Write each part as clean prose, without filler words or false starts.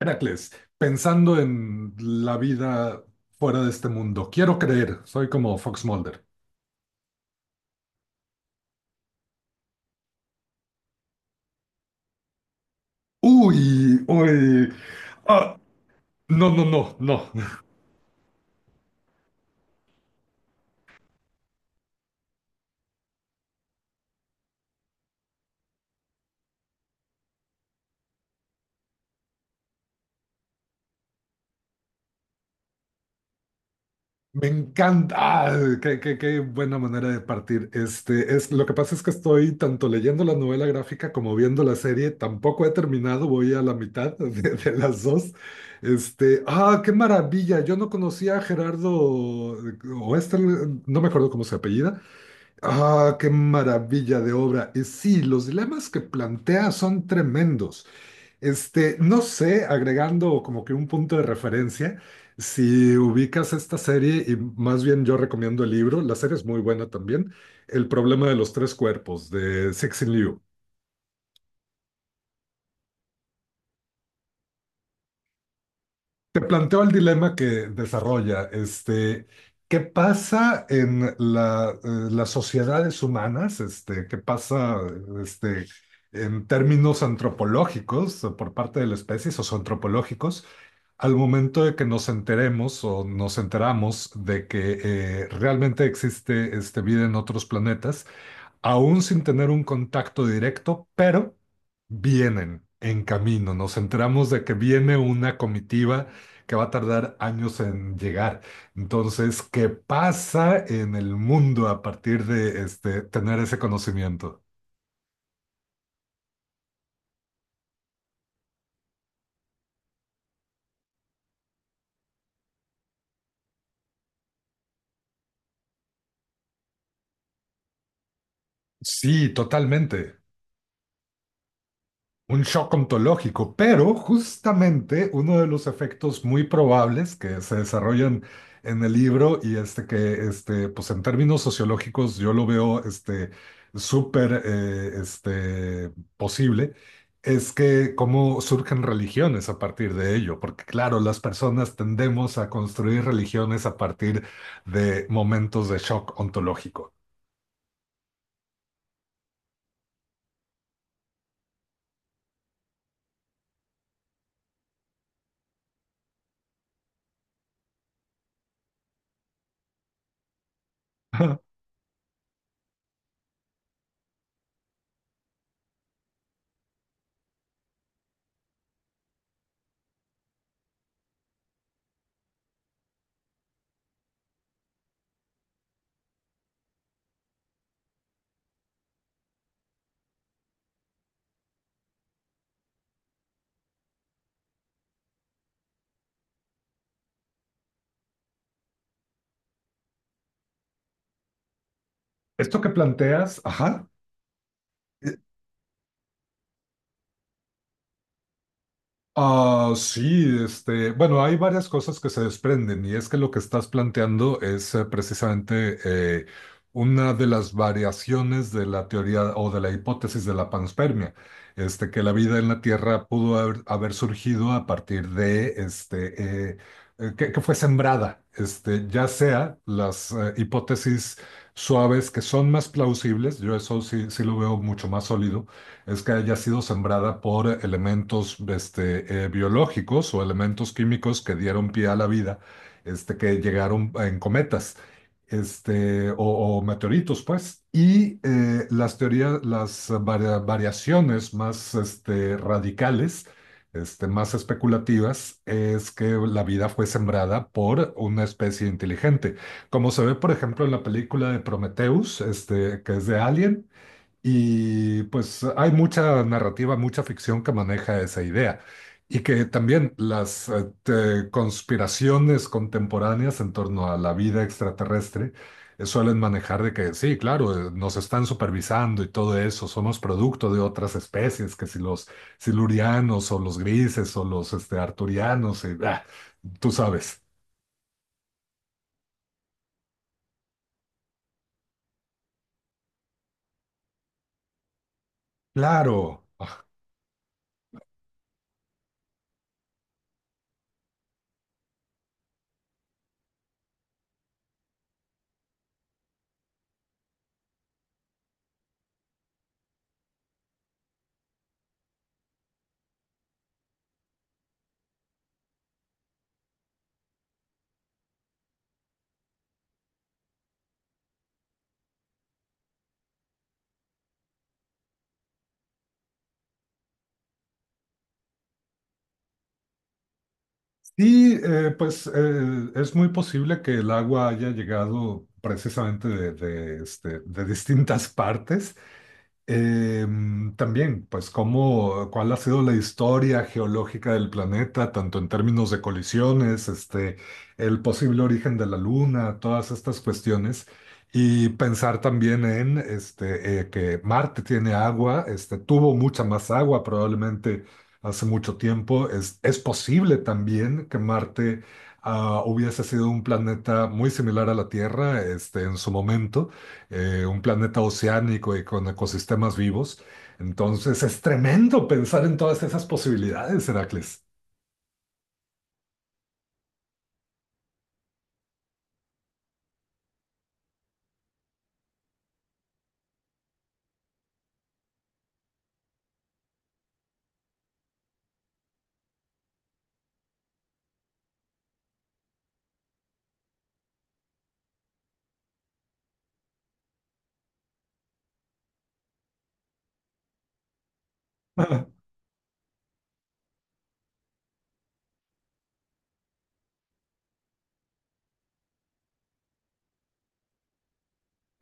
Heracles, pensando en la vida fuera de este mundo, quiero creer, soy como Fox Mulder. Uy, uy, ah, no, no, no, no, me encanta, qué buena manera de partir. Lo que pasa es que estoy tanto leyendo la novela gráfica como viendo la serie, tampoco he terminado, voy a la mitad de las dos. Qué maravilla. Yo no conocía a Gerardo, o no me acuerdo cómo se apellida. Ah, qué maravilla de obra. Y sí, los dilemas que plantea son tremendos. No sé, agregando como que un punto de referencia, si ubicas esta serie, y más bien yo recomiendo el libro, la serie es muy buena también, El problema de los tres cuerpos de Cixin Liu. Te planteo el dilema que desarrolla, ¿qué pasa en las sociedades humanas? ¿Qué pasa, este, en términos antropológicos o por parte de la especie, socioantropológicos, al momento de que nos enteremos o nos enteramos de que realmente existe, vida en otros planetas? Aún sin tener un contacto directo, pero vienen en camino. Nos enteramos de que viene una comitiva que va a tardar años en llegar. Entonces, ¿qué pasa en el mundo a partir de tener ese conocimiento? Sí, totalmente. Un shock ontológico, pero justamente uno de los efectos muy probables que se desarrollan en el libro y pues en términos sociológicos yo lo veo, súper posible, es que cómo surgen religiones a partir de ello, porque claro, las personas tendemos a construir religiones a partir de momentos de shock ontológico. Esto que planteas, ajá. Ah, sí, bueno, hay varias cosas que se desprenden y es que lo que estás planteando es precisamente eh, una de las variaciones de la teoría o de la hipótesis de la panspermia, que la vida en la Tierra pudo haber surgido a partir de, que fue sembrada, ya sea las hipótesis suaves que son más plausibles, yo eso sí lo veo mucho más sólido, es que haya sido sembrada por elementos biológicos o elementos químicos que dieron pie a la vida, que llegaron en cometas o meteoritos, pues. Y las teorías, las variaciones más radicales, más especulativas, es que la vida fue sembrada por una especie inteligente. Como se ve, por ejemplo, en la película de Prometheus, que es de Alien, y pues hay mucha narrativa, mucha ficción que maneja esa idea. Y que también las conspiraciones contemporáneas en torno a la vida extraterrestre suelen manejar de que sí, claro, nos están supervisando y todo eso, somos producto de otras especies, que si los silurianos o los grises o los arturianos, y, ah, tú sabes. Claro. Sí, pues es muy posible que el agua haya llegado precisamente de distintas partes. También, pues, cómo, cuál ha sido la historia geológica del planeta, tanto en términos de colisiones, el posible origen de la Luna, todas estas cuestiones. Y pensar también en que Marte tiene agua, tuvo mucha más agua probablemente hace mucho tiempo. Es posible también que Marte hubiese sido un planeta muy similar a la Tierra en su momento, un planeta oceánico y con ecosistemas vivos. Entonces es tremendo pensar en todas esas posibilidades, Heracles.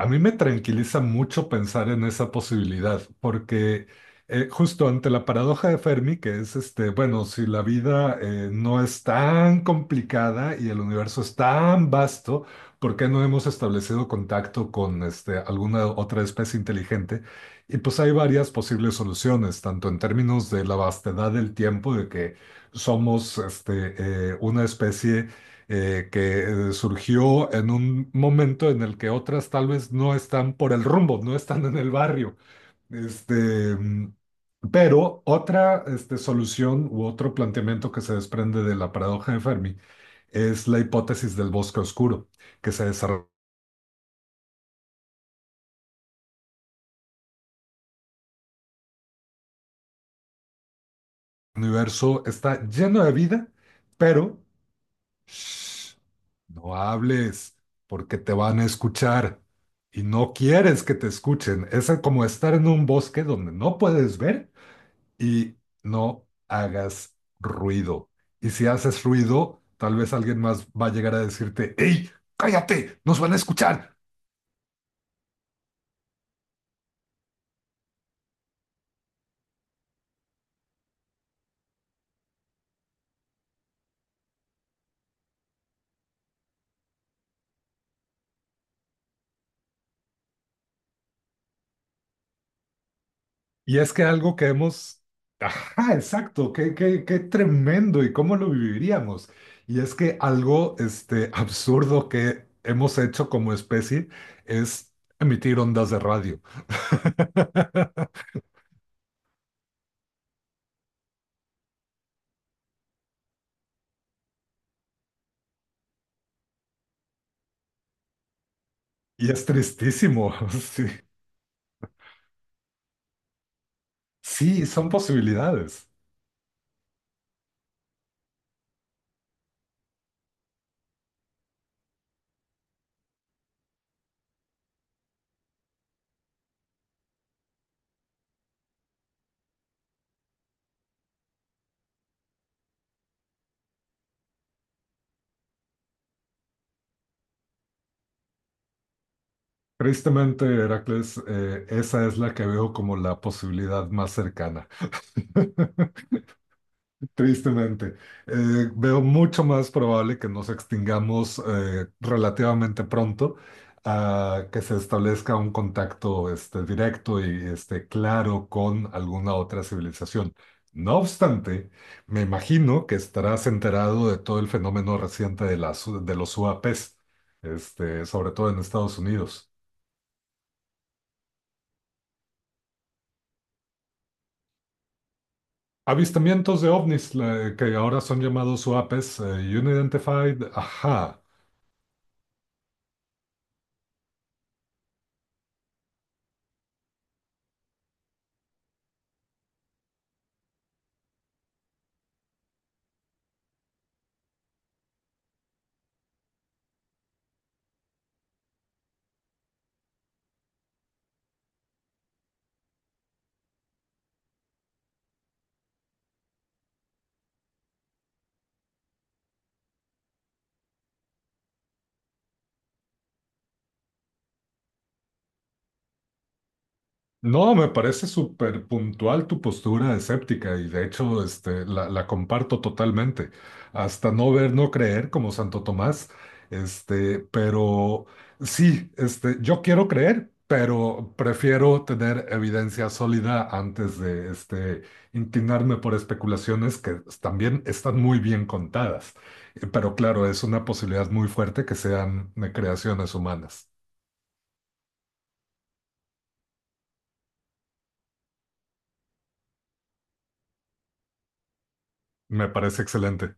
A mí me tranquiliza mucho pensar en esa posibilidad, porque justo ante la paradoja de Fermi, que es bueno, si la vida no es tan complicada y el universo es tan vasto, ¿por qué no hemos establecido contacto con alguna otra especie inteligente? Y pues hay varias posibles soluciones, tanto en términos de la vastedad del tiempo, de que somos una especie que surgió en un momento en el que otras tal vez no están por el rumbo, no están en el barrio. Este, mm, pero otra solución u otro planteamiento que se desprende de la paradoja de Fermi es la hipótesis del bosque oscuro, que se desarrolla. El universo está lleno de vida, pero shh, no hables porque te van a escuchar y no quieres que te escuchen. Es como estar en un bosque donde no puedes ver y no hagas ruido. Y si haces ruido, tal vez alguien más va a llegar a decirte, ¡Ey, cállate! ¡Nos van a escuchar! Y es que algo que hemos... Ajá, exacto, qué tremendo y cómo lo viviríamos. Y es que algo absurdo que hemos hecho como especie es emitir ondas de radio. Y es tristísimo. Sí, sí, son posibilidades. Tristemente, Heracles, esa es la que veo como la posibilidad más cercana. Tristemente, veo mucho más probable que nos extingamos relativamente pronto a que se establezca un contacto directo y claro con alguna otra civilización. No obstante, me imagino que estarás enterado de todo el fenómeno reciente de, de los UAPs, sobre todo en Estados Unidos. Avistamientos de ovnis, que ahora son llamados UAPs, Unidentified, ajá. No, me parece súper puntual tu postura escéptica y de hecho la comparto totalmente. Hasta no ver, no creer, como Santo Tomás. Pero sí, yo quiero creer, pero prefiero tener evidencia sólida antes de inclinarme por especulaciones que también están muy bien contadas. Pero claro, es una posibilidad muy fuerte que sean creaciones humanas. Me parece excelente.